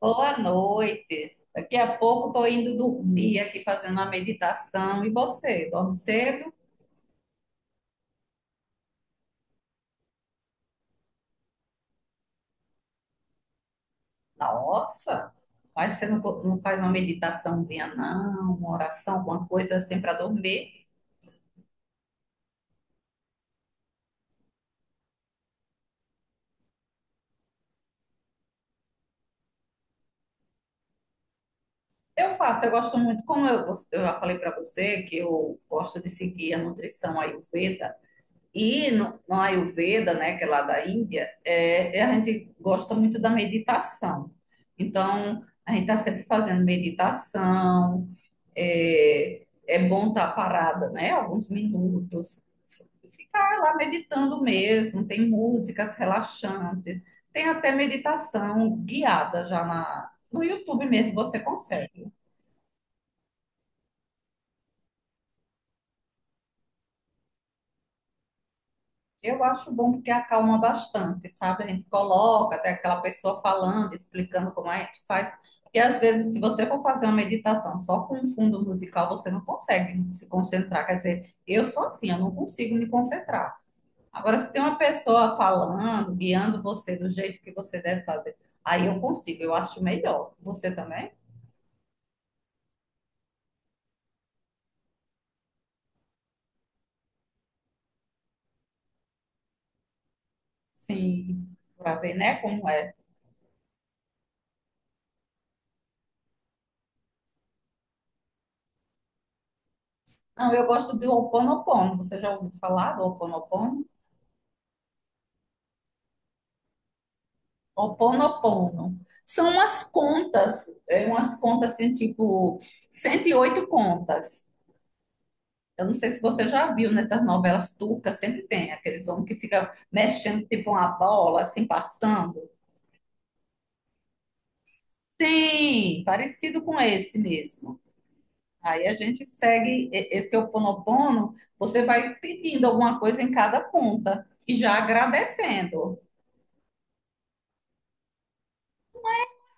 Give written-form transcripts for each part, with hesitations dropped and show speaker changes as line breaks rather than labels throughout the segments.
Boa noite. Daqui a pouco estou indo dormir aqui fazendo uma meditação. E você, dorme cedo? Nossa, mas você não, não faz uma meditaçãozinha, não, uma oração, alguma coisa assim para dormir? Eu faço, eu gosto muito, como eu já falei para você, que eu gosto de seguir a nutrição Ayurveda. E no Ayurveda, né, que é lá da Índia, a gente gosta muito da meditação. Então, a gente está sempre fazendo meditação. É bom estar parada, né? Alguns minutos. Ficar lá meditando mesmo. Tem músicas relaxantes. Tem até meditação guiada já no YouTube mesmo, você consegue. Eu acho bom porque acalma bastante, sabe? A gente coloca até aquela pessoa falando, explicando como é que faz. Porque às vezes, se você for fazer uma meditação só com um fundo musical, você não consegue se concentrar. Quer dizer, eu sou assim, eu não consigo me concentrar. Agora, se tem uma pessoa falando, guiando você do jeito que você deve fazer, aí eu consigo, eu acho melhor. Você também? Sim, para ver, né, como é. Não, eu gosto de Ho'oponopono. Você já ouviu falar do Ho'oponopono? Ho'oponopono. São umas contas, é umas contas assim, tipo 108 contas. Eu não sei se você já viu nessas novelas turcas, sempre tem aqueles homens que ficam mexendo tipo uma bola, assim, passando. Sim, parecido com esse mesmo. Aí a gente segue esse Ho'oponopono, você vai pedindo alguma coisa em cada ponta e já agradecendo.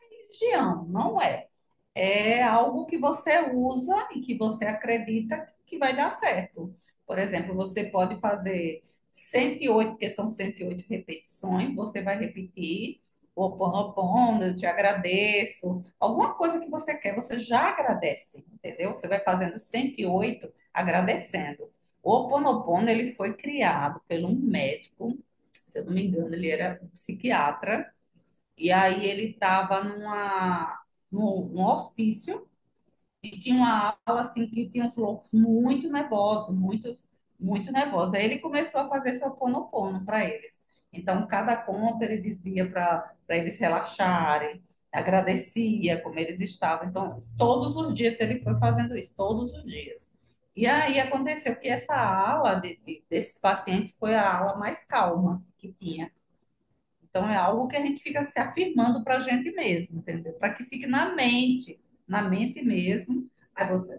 Religião, não é? É algo que você usa e que você acredita que vai dar certo. Por exemplo, você pode fazer 108, porque são 108 repetições, você vai repetir o Ho'oponopono, eu te agradeço. Alguma coisa que você quer, você já agradece, entendeu? Você vai fazendo 108 agradecendo. O Ho'oponopono, ele foi criado por um médico, se eu não me engano, ele era um psiquiatra, e aí ele estava num hospício e tinha uma aula assim que tinha os loucos muito nervosos, muito nervosos. Aí ele começou a fazer seu ponopono para eles. Então, cada conta ele dizia para eles relaxarem, agradecia como eles estavam. Então, todos os dias ele foi fazendo isso, todos os dias. E aí aconteceu que essa ala desse paciente foi a ala mais calma que tinha. Então, é algo que a gente fica se afirmando para a gente mesmo, entendeu? Para que fique na mente mesmo. Aí você,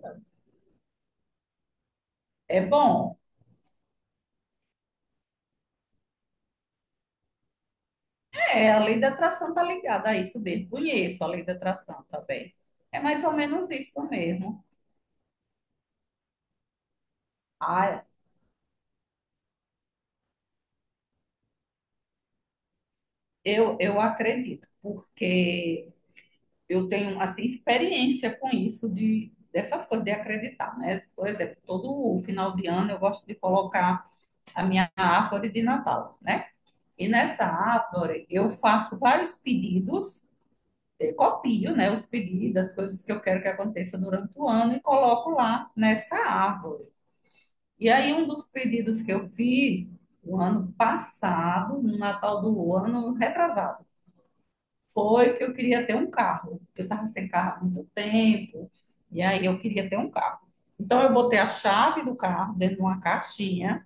é bom. É, a lei da atração tá ligada a isso mesmo. Conheço a lei da atração também. É mais ou menos isso mesmo. Ah, eu acredito, porque eu tenho, assim, experiência com isso dessas coisas de acreditar, né? Por exemplo, todo final de ano eu gosto de colocar a minha árvore de Natal, né? E nessa App, eu faço vários pedidos, eu copio, né, os pedidos, as coisas que eu quero que aconteça durante o ano e coloco lá nessa árvore. E aí, um dos pedidos que eu fiz no ano passado, no Natal do ano retrasado, foi que eu queria ter um carro, porque eu estava sem carro há muito tempo, e aí eu queria ter um carro. Então, eu botei a chave do carro dentro de uma caixinha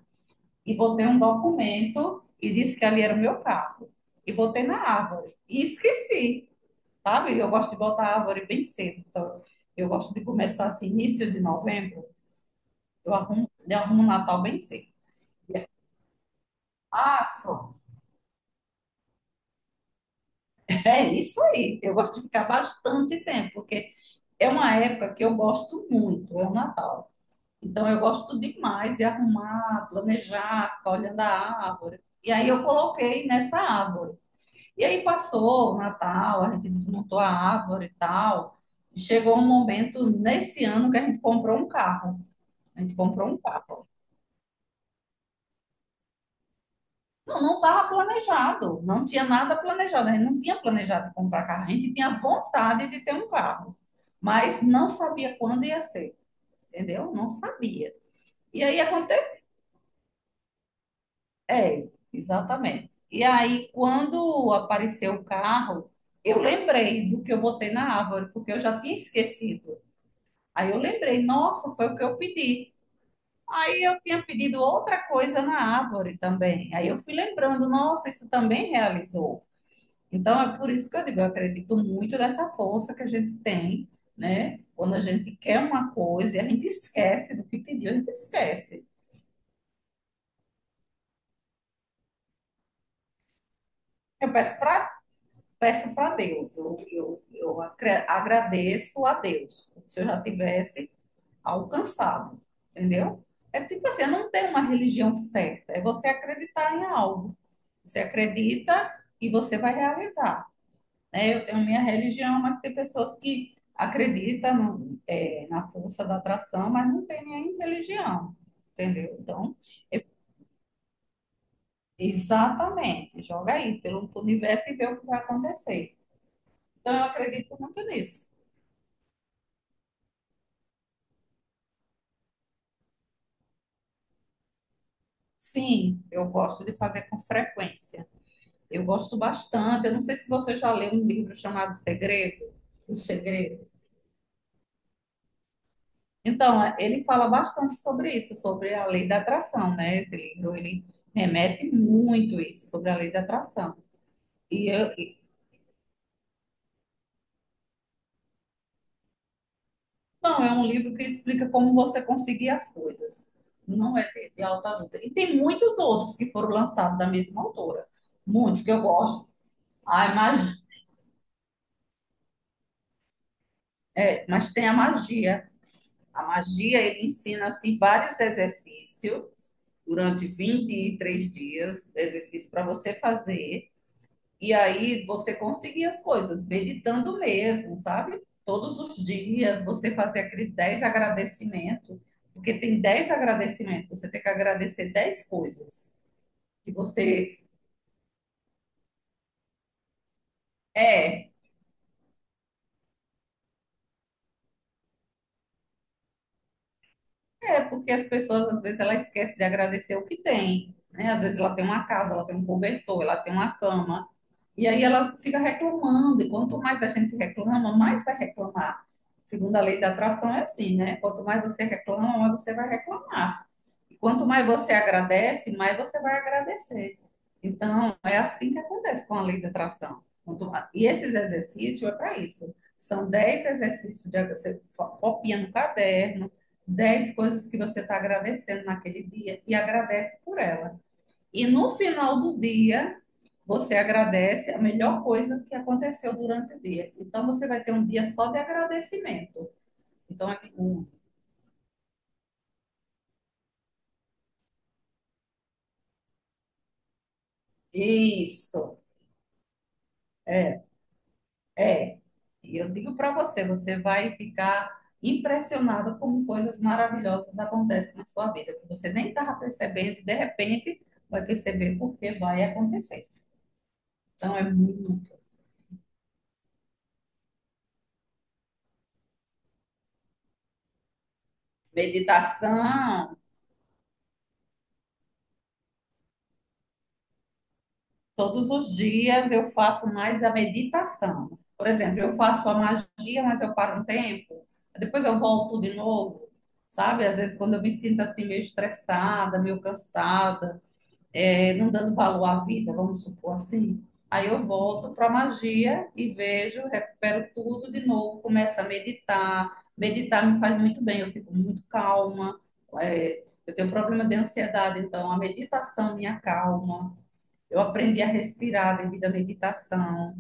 e botei um documento e disse que ali era o meu carro. E botei na árvore. E esqueci, sabe? Eu gosto de botar a árvore bem cedo. Então, eu gosto de começar assim, início de novembro, eu arrumo o Natal bem cedo. E é fácil. É isso aí. Eu gosto de ficar bastante tempo, porque é uma época que eu gosto muito, é o Natal. Então eu gosto demais de arrumar, planejar, ficar olhando a árvore. E aí eu coloquei nessa árvore. E aí passou o Natal, a gente desmontou a árvore e tal. E chegou um momento nesse ano que a gente comprou um carro. A gente comprou um carro. Não, não estava planejado, não tinha nada planejado. A gente não tinha planejado comprar carro. A gente tinha vontade de ter um carro, mas não sabia quando ia ser, entendeu? Não sabia. E aí aconteceu. É, exatamente. E aí, quando apareceu o carro, eu lembrei do que eu botei na árvore, porque eu já tinha esquecido. Aí eu lembrei, nossa, foi o que eu pedi. Aí eu tinha pedido outra coisa na árvore também. Aí eu fui lembrando, nossa, isso também realizou. Então é por isso que eu digo, eu acredito muito nessa força que a gente tem, né? Quando a gente quer uma coisa e a gente esquece do que pediu, a gente esquece. Eu peço para Peço para Deus, agradeço a Deus. Se eu já tivesse alcançado, entendeu? É tipo assim, não tem uma religião certa, é você acreditar em algo. Você acredita e você vai realizar. Né? Eu tenho minha religião, mas tem pessoas que acreditam na força da atração, mas não tem nenhuma religião, entendeu? Então, é- exatamente, joga aí pelo universo e vê o que vai acontecer. Então, eu acredito muito nisso. Sim, eu gosto de fazer com frequência. Eu gosto bastante. Eu não sei se você já leu um livro chamado Segredo. O Segredo. Então, ele fala bastante sobre isso, sobre a lei da atração, né? Esse livro, ele remete muito isso, sobre a lei da atração. E eu, e- não, é um livro que explica como você conseguir as coisas. Não é de autoajuda. E tem muitos outros que foram lançados da mesma autora. Muitos que eu gosto. Ai, mas tem a magia. A magia, ele ensina, assim, vários exercícios durante 23 dias, exercício para você fazer, e aí você conseguir as coisas, meditando mesmo, sabe? Todos os dias você fazer aqueles 10 agradecimentos, porque tem 10 agradecimentos, você tem que agradecer 10 coisas que você é. É, porque as pessoas, às vezes, ela esquece de agradecer o que tem, né? Às vezes ela tem uma casa, ela tem um cobertor, ela tem uma cama, e aí ela fica reclamando, e quanto mais a gente reclama, mais vai reclamar. Segundo a lei da atração, é assim, né? Quanto mais você reclama, mais você vai reclamar. E quanto mais você agradece, mais você vai agradecer. Então, é assim que acontece com a lei da atração. E esses exercícios é para isso. São 10 exercícios de você copia no caderno, 10 coisas que você está agradecendo naquele dia e agradece por ela. E no final do dia, você agradece a melhor coisa que aconteceu durante o dia. Então, você vai ter um dia só de agradecimento. Então, isso, é, é. E eu digo para você, você vai ficar impressionado como coisas maravilhosas acontecem na sua vida, que você nem estava percebendo, de repente vai perceber porque vai acontecer. Então, é muito. Meditação. Todos os dias eu faço mais a meditação. Por exemplo, eu faço a magia, mas eu paro um tempo, depois eu volto de novo, sabe? Às vezes, quando eu me sinto assim, meio estressada, meio cansada, não dando valor à vida, vamos supor assim, aí eu volto para a magia e vejo, recupero tudo de novo, começo a meditar. Meditar me faz muito bem, eu fico muito calma. Eu tenho problema de ansiedade, então a meditação me acalma. Eu aprendi a respirar devido à meditação.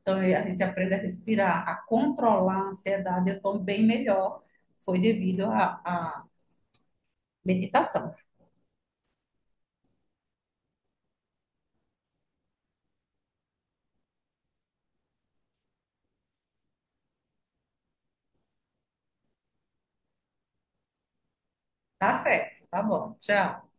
Então, a gente aprende a respirar, a controlar a ansiedade. Eu estou bem melhor. Foi devido à meditação. Tá certo, tá bom. Tchau.